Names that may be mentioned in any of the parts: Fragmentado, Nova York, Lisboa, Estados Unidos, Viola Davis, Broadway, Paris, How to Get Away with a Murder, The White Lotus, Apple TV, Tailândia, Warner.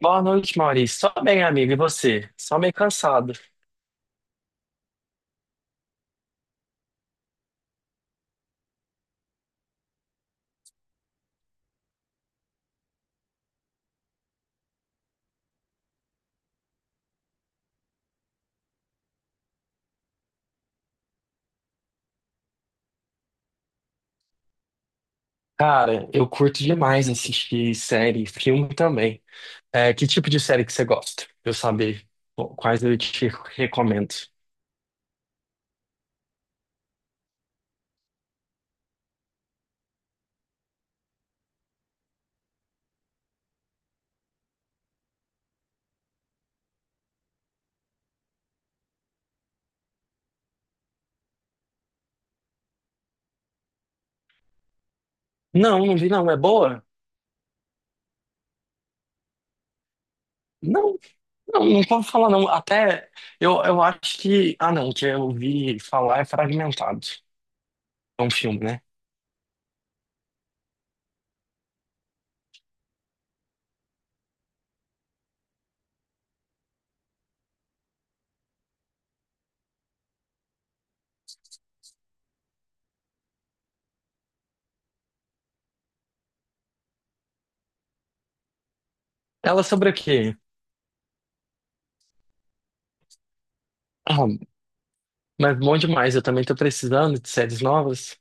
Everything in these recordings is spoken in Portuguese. Boa noite, Maurício. Só bem, amigo, e você? Só meio cansado. Cara, eu curto demais assistir série, filme também. É, que tipo de série que você gosta? Pra eu saber quais eu te recomendo. Não, não vi não. É boa? Não, não, não posso falar não. Até eu acho que... Ah, não, que eu ouvi falar é Fragmentado. É um filme, né? Ela sobre o quê? Ah, mas bom demais. Eu também tô precisando de séries novas.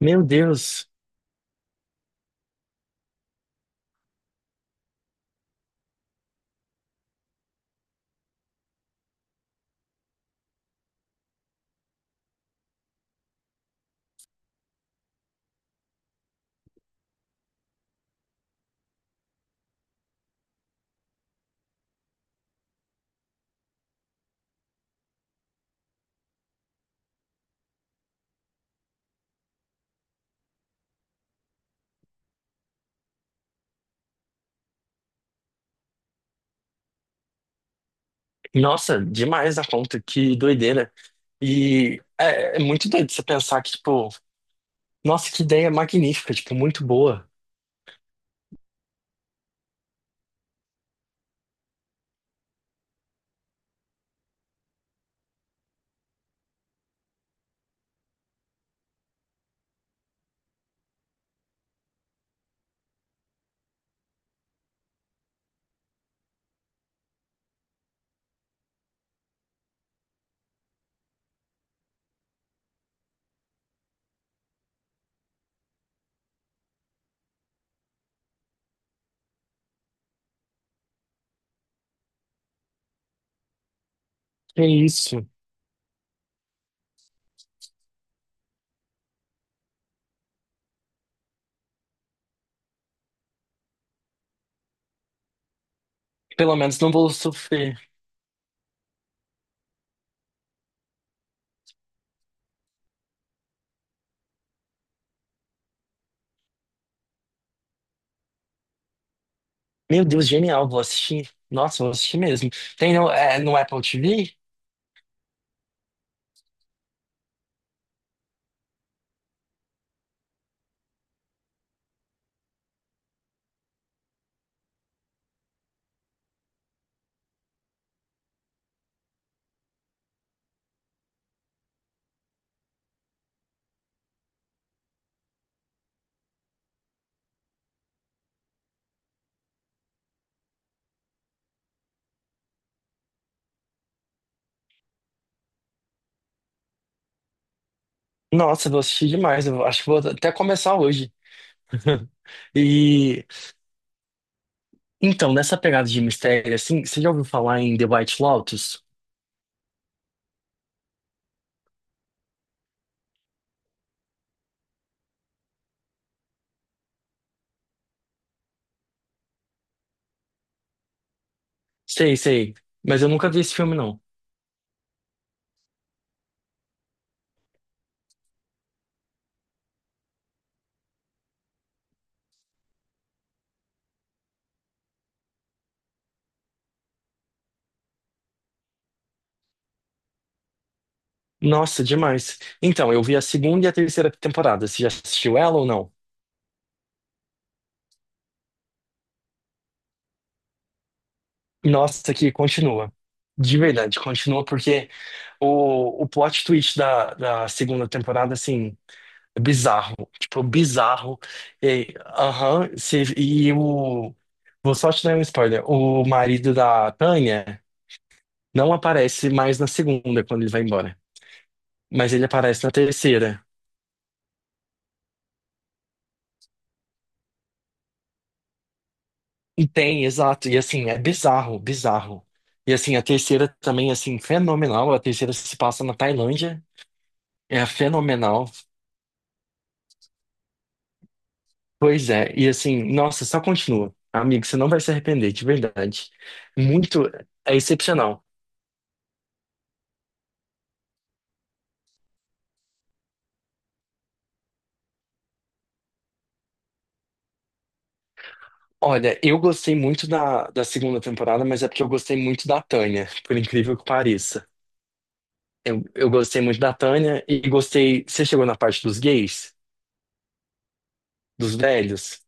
Meu Deus. Nossa, demais a conta, que doideira. E é, é muito doido você pensar que, tipo, nossa, que ideia magnífica, tipo, muito boa. É isso. Pelo menos não vou sofrer. Meu Deus, genial, vou assistir. Nossa, vou assistir mesmo. Tem no, é, no Apple TV? Nossa, vou assistir demais. Eu acho que vou até começar hoje. E então, nessa pegada de mistério, assim, você já ouviu falar em The White Lotus? Sei, sei, mas eu nunca vi esse filme, não. Nossa, demais. Então, eu vi a segunda e a terceira temporada. Você já assistiu ela ou não? Nossa, que continua. De verdade, continua porque o plot twist da, da segunda temporada, assim, é bizarro. Tipo, bizarro. E, aham, cê- e o. Vou só te dar um spoiler. O marido da Tânia não aparece mais na segunda quando ele vai embora. Mas ele aparece na terceira. E tem, exato. E assim, é bizarro, bizarro. E assim, a terceira também, assim, fenomenal. A terceira se passa na Tailândia. É fenomenal. Pois é. E assim, nossa, só continua. Amigo, você não vai se arrepender, de verdade. Muito, é excepcional. Olha, eu gostei muito da, da segunda temporada, mas é porque eu gostei muito da Tânia, por incrível que pareça. Eu gostei muito da Tânia e gostei. Você chegou na parte dos gays? Dos velhos?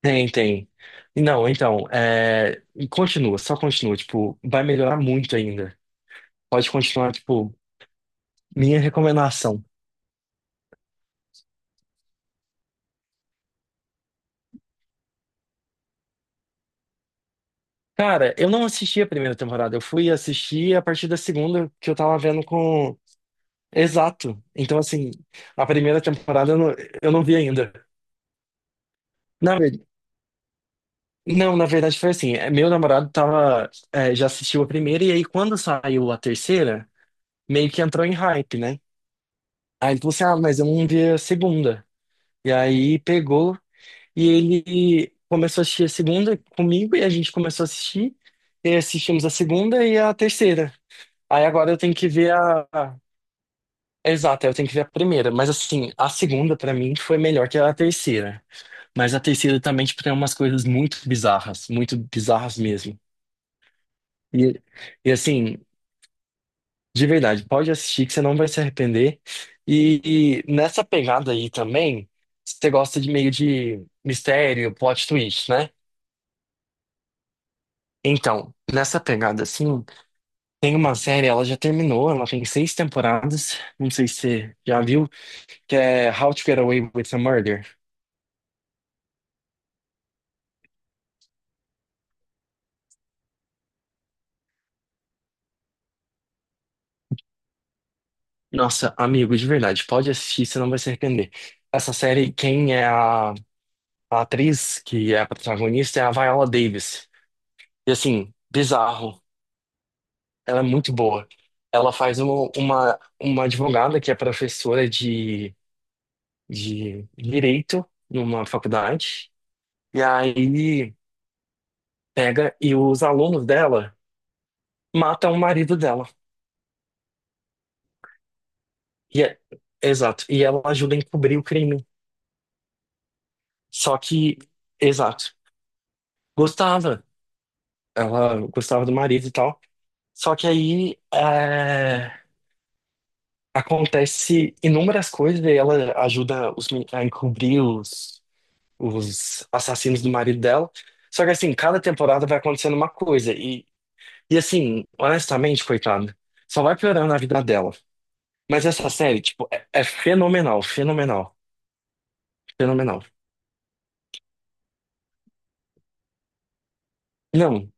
Tem, tem. Não, então, é... e continua, só continua, tipo, vai melhorar muito ainda. Pode continuar, tipo, minha recomendação. Cara, eu não assisti a primeira temporada, eu fui assistir a partir da segunda que eu tava vendo com. Exato. Então, assim, a primeira temporada eu não vi ainda. Na verdade, não, na verdade foi assim, é, meu namorado tava, é, já assistiu a primeira, e aí quando saiu a terceira, meio que entrou em hype, né? Aí ele falou assim, ah, mas eu não vi a segunda. E aí pegou. E ele começou a assistir a segunda comigo e a gente começou a assistir. E assistimos a segunda e a terceira. Aí agora eu tenho que ver a. a- Exato, eu tenho que ver a primeira. Mas assim, a segunda pra mim foi melhor que a terceira. Mas a terceira também, tipo, tem umas coisas muito bizarras mesmo. E, e assim, de verdade, pode assistir que você não vai se arrepender. E nessa pegada aí também, você gosta de meio de mistério, plot twist, né? Então, nessa pegada assim, tem uma série, ela já terminou, ela tem seis temporadas, não sei se você já viu, que é How to Get Away with a Murder. Nossa, amigo, de verdade, pode assistir, você não vai se arrepender. Essa série, quem é a atriz que é a protagonista é a Viola Davis. E assim, bizarro, ela é muito boa. Ela faz uma advogada que é professora de direito numa faculdade. E aí. Pega e os alunos dela matam o marido dela. E é- exato. E ela ajuda a encobrir o crime. Só que, exato. Gostava. Ela gostava do marido e tal. Só que aí é, acontece inúmeras coisas e ela ajuda os men- a encobrir os assassinos do marido dela. Só que assim, cada temporada vai acontecendo uma coisa. E assim, honestamente, coitada, só vai piorando a vida dela. Mas essa série, tipo, é, é fenomenal, fenomenal, fenomenal. Não,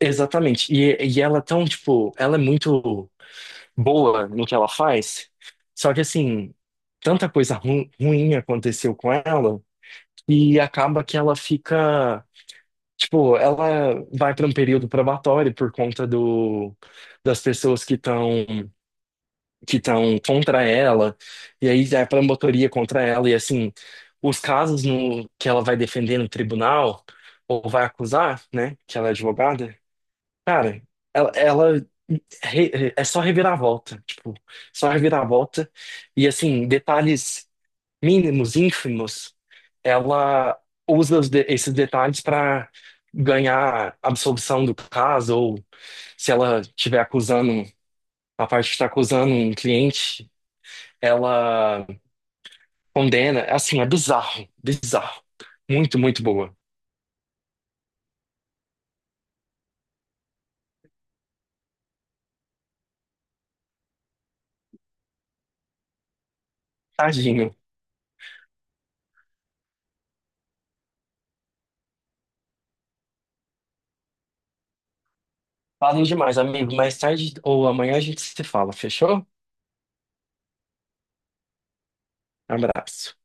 exatamente. E ela é tão, tipo, ela é muito boa no que ela faz. Só que, assim, tanta coisa ru ruim aconteceu com ela e acaba que ela fica, tipo, ela vai para um período probatório por conta do, das pessoas que estão contra ela, e aí a promotoria contra ela, e assim, os casos no, que ela vai defender no tribunal, ou vai acusar, né, que ela é advogada, cara, ela é só reviravolta, tipo, só reviravolta, e assim, detalhes mínimos, ínfimos, ela usa esses detalhes para ganhar absolvição do caso, ou se ela estiver acusando, a parte que está acusando um cliente ela condena, é assim, é bizarro, bizarro. Muito, muito boa. Tadinho. Falo demais, amigo. Mais tarde ou amanhã a gente se fala, fechou? Abraço.